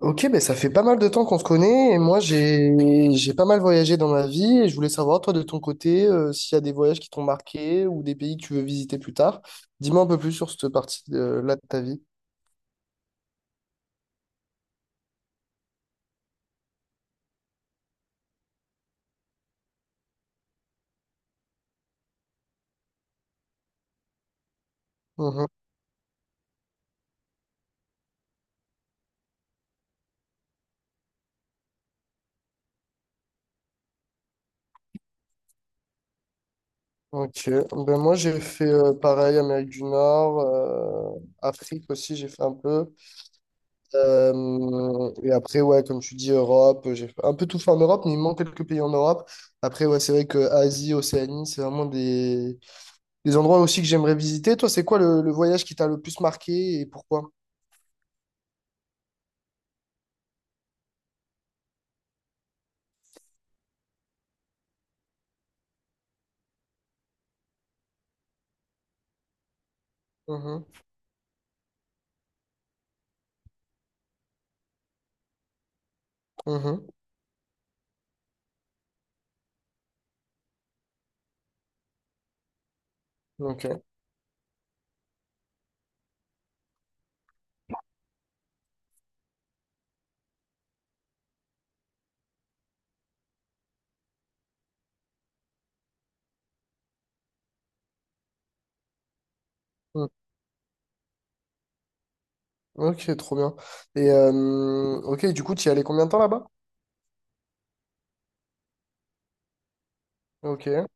Ok, ben ça fait pas mal de temps qu'on se connaît et moi j'ai pas mal voyagé dans ma vie et je voulais savoir toi de ton côté s'il y a des voyages qui t'ont marqué ou des pays que tu veux visiter plus tard. Dis-moi un peu plus sur cette partie de, là de ta vie. Mhm. Ok, ben moi j'ai fait pareil Amérique du Nord, Afrique aussi j'ai fait un peu. Et après ouais comme tu dis Europe, j'ai un peu tout fait en Europe mais il me manque quelques pays en Europe. Après ouais c'est vrai que Asie, Océanie c'est vraiment des des endroits aussi que j'aimerais visiter. Toi, c'est quoi le voyage qui t'a le plus marqué et pourquoi? Mhm, mhm, ok. Mm. Ok, trop bien. Et ok, du coup, tu y allais combien de temps là-bas? Ok.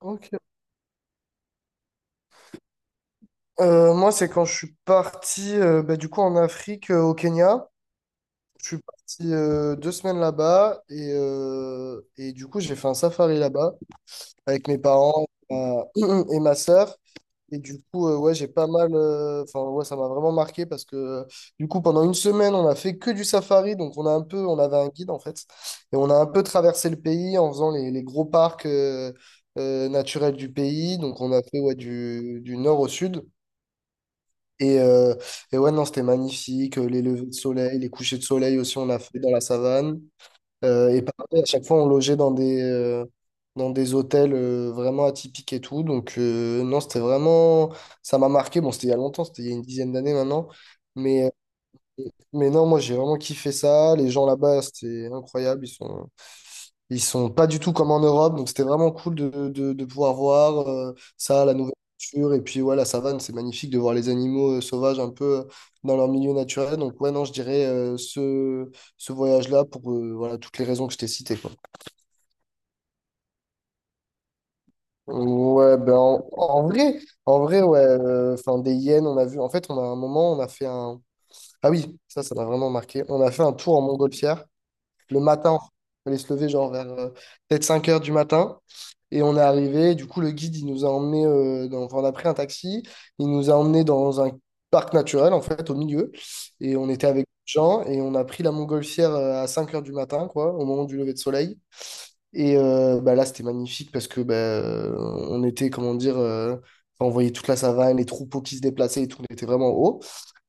Ok. Moi, c'est quand je suis parti bah, du coup en Afrique, au Kenya. Je suis parti 2 semaines là-bas et du coup, j'ai fait un safari là-bas, avec mes parents euh, et ma sœur. Et du coup, ouais, j'ai pas mal. Enfin, ouais, ça m'a vraiment marqué parce que du coup, pendant une semaine, on a fait que du safari. Donc, on a un peu, on avait un guide en fait. Et on a un peu traversé le pays en faisant les gros parcs naturels du pays. Donc, on a fait ouais, du nord au sud. Et, euh, et ouais, non, c'était magnifique. Les levées de soleil, les couchers de soleil aussi, on a fait dans la savane. Et pareil, à chaque fois, on logeait dans des hôtels vraiment atypiques et tout. Donc, non, c'était vraiment. Ça m'a marqué. Bon, c'était il y a longtemps, c'était il y a une dizaine d'années maintenant. Mais, euh, mais non, moi, j'ai vraiment kiffé ça. Les gens là-bas, c'était incroyable. Ils sont pas du tout comme en Europe. Donc, c'était vraiment cool de pouvoir voir ça, la nouvelle culture. Et puis, ouais, la savane, c'est magnifique de voir les animaux sauvages un peu dans leur milieu naturel. Donc, ouais, non, je dirais ce voyage-là pour voilà, toutes les raisons que je t'ai citées, quoi. Ouais, ben en vrai, ouais, enfin des hyènes, on a vu. En fait, on a un moment, on a fait un. Ah oui, ça m'a vraiment marqué. On a fait un tour en montgolfière le matin. On allait se lever genre vers peut-être 5 heures du matin. Et on est arrivé. Du coup, le guide, il nous a emmenés, dans, enfin, on a pris un taxi. Il nous a emmenés dans un parc naturel, en fait, au milieu. Et on était avec des gens. Et on a pris la montgolfière à 5 heures du matin, quoi, au moment du lever de soleil. Et bah là, c'était magnifique parce que bah, on était, comment dire, enfin, on voyait toute la savane, les troupeaux qui se déplaçaient et tout, on était vraiment en haut.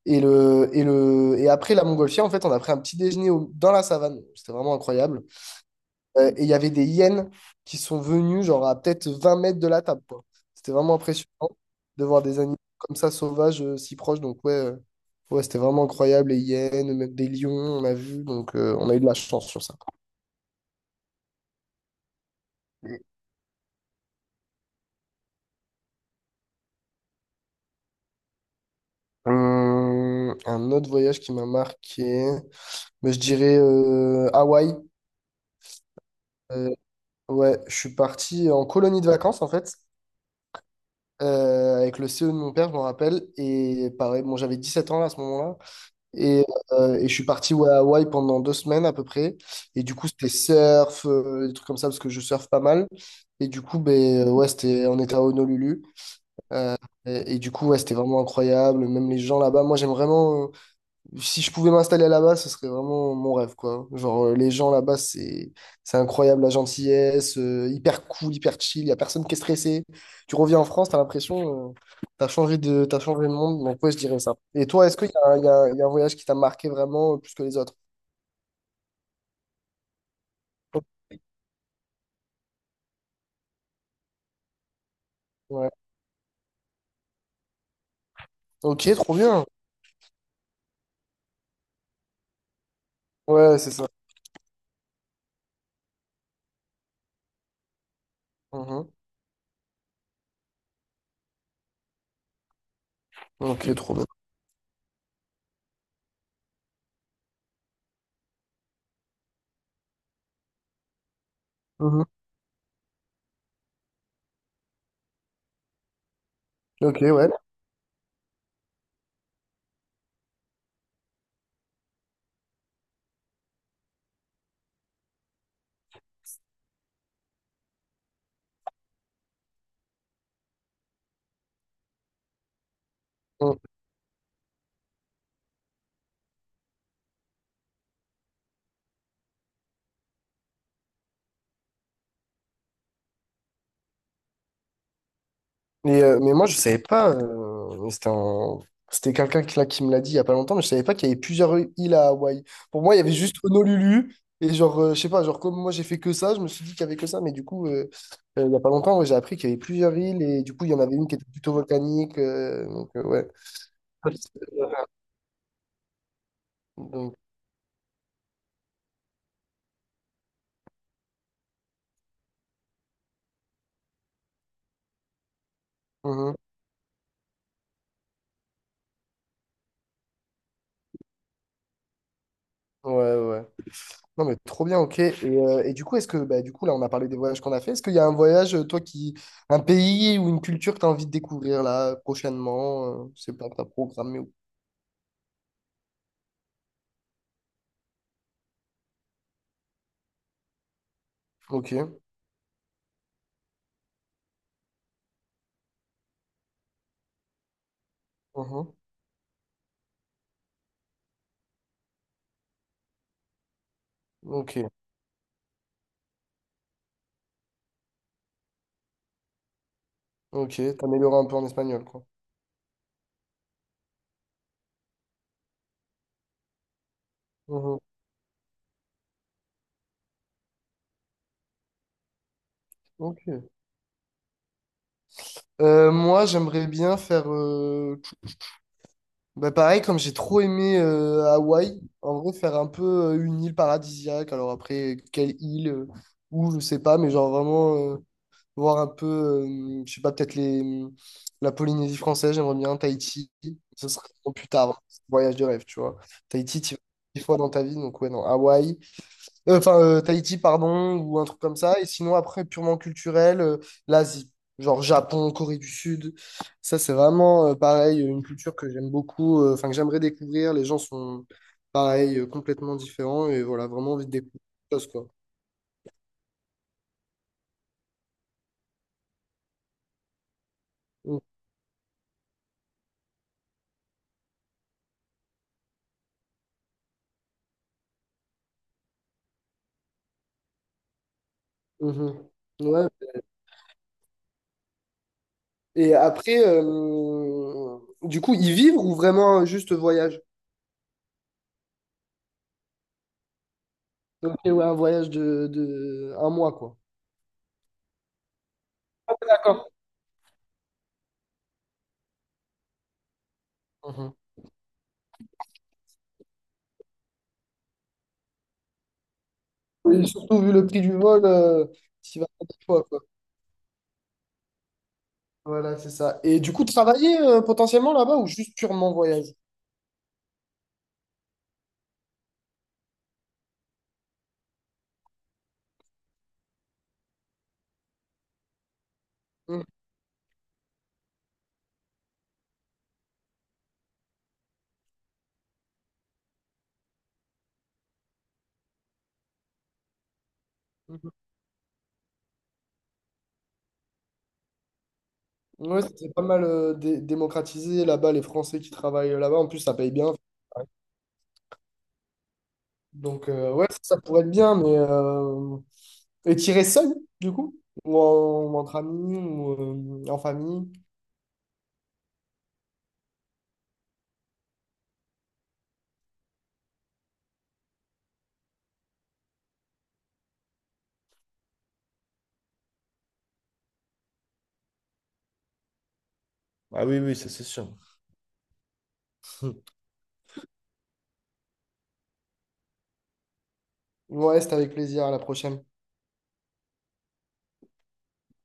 Et après la montgolfière, en fait, on a pris un petit déjeuner dans la savane. C'était vraiment incroyable. Et il y avait des hyènes qui sont venues, genre à peut-être 20 mètres de la table, quoi. C'était vraiment impressionnant de voir des animaux comme ça sauvages si proches. Donc, ouais, c'était vraiment incroyable. Les hyènes, même des lions, on a vu. Donc, on a eu de la chance sur ça. Un autre voyage qui m'a marqué, mais je dirais Hawaï. Euh, ouais, je suis parti en colonie de vacances en fait, avec le CE de mon père, je m'en rappelle. Et pareil, bon, j'avais 17 ans là, à ce moment-là. Et, et je suis parti ouais, à Hawaï pendant 2 semaines à peu près. Et du coup, c'était surf, des trucs comme ça, parce que je surfe pas mal. Et du coup, ben, ouais, on était à Honolulu. Et du coup, ouais, c'était vraiment incroyable. Même les gens là-bas, moi j'aime vraiment. Si je pouvais m'installer là-bas, ce serait vraiment mon rêve, quoi. Genre, les gens là-bas, c'est incroyable, la gentillesse, hyper cool, hyper chill, y a personne qui est stressé. Tu reviens en France, t'as l'impression, t'as changé de monde, donc ouais, je dirais ça. Et toi, est-ce qu'il y a un voyage qui t'a marqué vraiment plus que les autres? Ouais. Ok, trop bien. Ouais, c'est ça. Mhm. Ok, trop bien. Mhm. Ok, ouais. Mmh. Mais moi, je savais pas. C'était quelqu'un qui, là, qui me l'a dit il y a pas longtemps, mais je savais pas qu'il y avait plusieurs îles à Hawaï. Pour moi, il y avait juste Honolulu. Et genre, je sais pas, genre, comme moi, j'ai fait que ça, je me suis dit qu'il y avait que ça. Mais du coup, il y a pas longtemps, ouais, j'ai appris qu'il y avait plusieurs îles. Et du coup, il y en avait une qui était plutôt volcanique. Donc, ouais. Donc, mhm. Ouais, ouais. Non mais trop bien, ok. Et du coup, est-ce que, bah, du coup, là, on a parlé des voyages qu'on a fait. Est-ce qu'il y a un voyage, toi, qui, un pays ou une culture que tu as envie de découvrir là prochainement? Je sais pas, que t'as programmé ou. Ok. Mhm. Ok. Ok. T'améliorer un peu en espagnol, quoi. Mhm. Ok. Moi, j'aimerais bien faire, bah, pareil, comme j'ai trop aimé Hawaï, en vrai, faire un peu une île paradisiaque. Alors après, quelle île, ou je sais pas, mais genre vraiment. Voir un peu, je sais pas, peut-être la Polynésie française, j'aimerais bien, Tahiti, ce sera plus tard, hein, voyage de rêve, tu vois. Tahiti, tu vas 10 fois dans ta vie, donc ouais, non, Hawaï, enfin, Tahiti, pardon, ou un truc comme ça, et sinon, après, purement culturel, l'Asie, genre Japon, Corée du Sud, ça, c'est vraiment, pareil, une culture que j'aime beaucoup, enfin, que j'aimerais découvrir, les gens sont, pareil, complètement différents, et voilà, vraiment envie de découvrir des choses, quoi. Mhm. Ouais. Et après, du coup, y vivre ou vraiment juste voyage? Donc, ouais, un voyage de un mois, quoi. Ah, ouais, d'accord. Mhm. Et surtout, vu le prix du vol, t'y vas pas 2 fois, quoi. Voilà, c'est ça. Et du coup, travailler potentiellement là-bas ou juste purement voyage? Mhm. Mhm. Ouais, c'est pas mal démocratisé là-bas, les Français qui travaillent là-bas. En plus, ça paye bien. Donc, ouais, ça pourrait être bien, mais. Et tirer seul, du coup? Ou ou entre amis, ou en famille? Ah oui, oui, ça c'est sûr. Ouais, c'était avec plaisir. À la prochaine.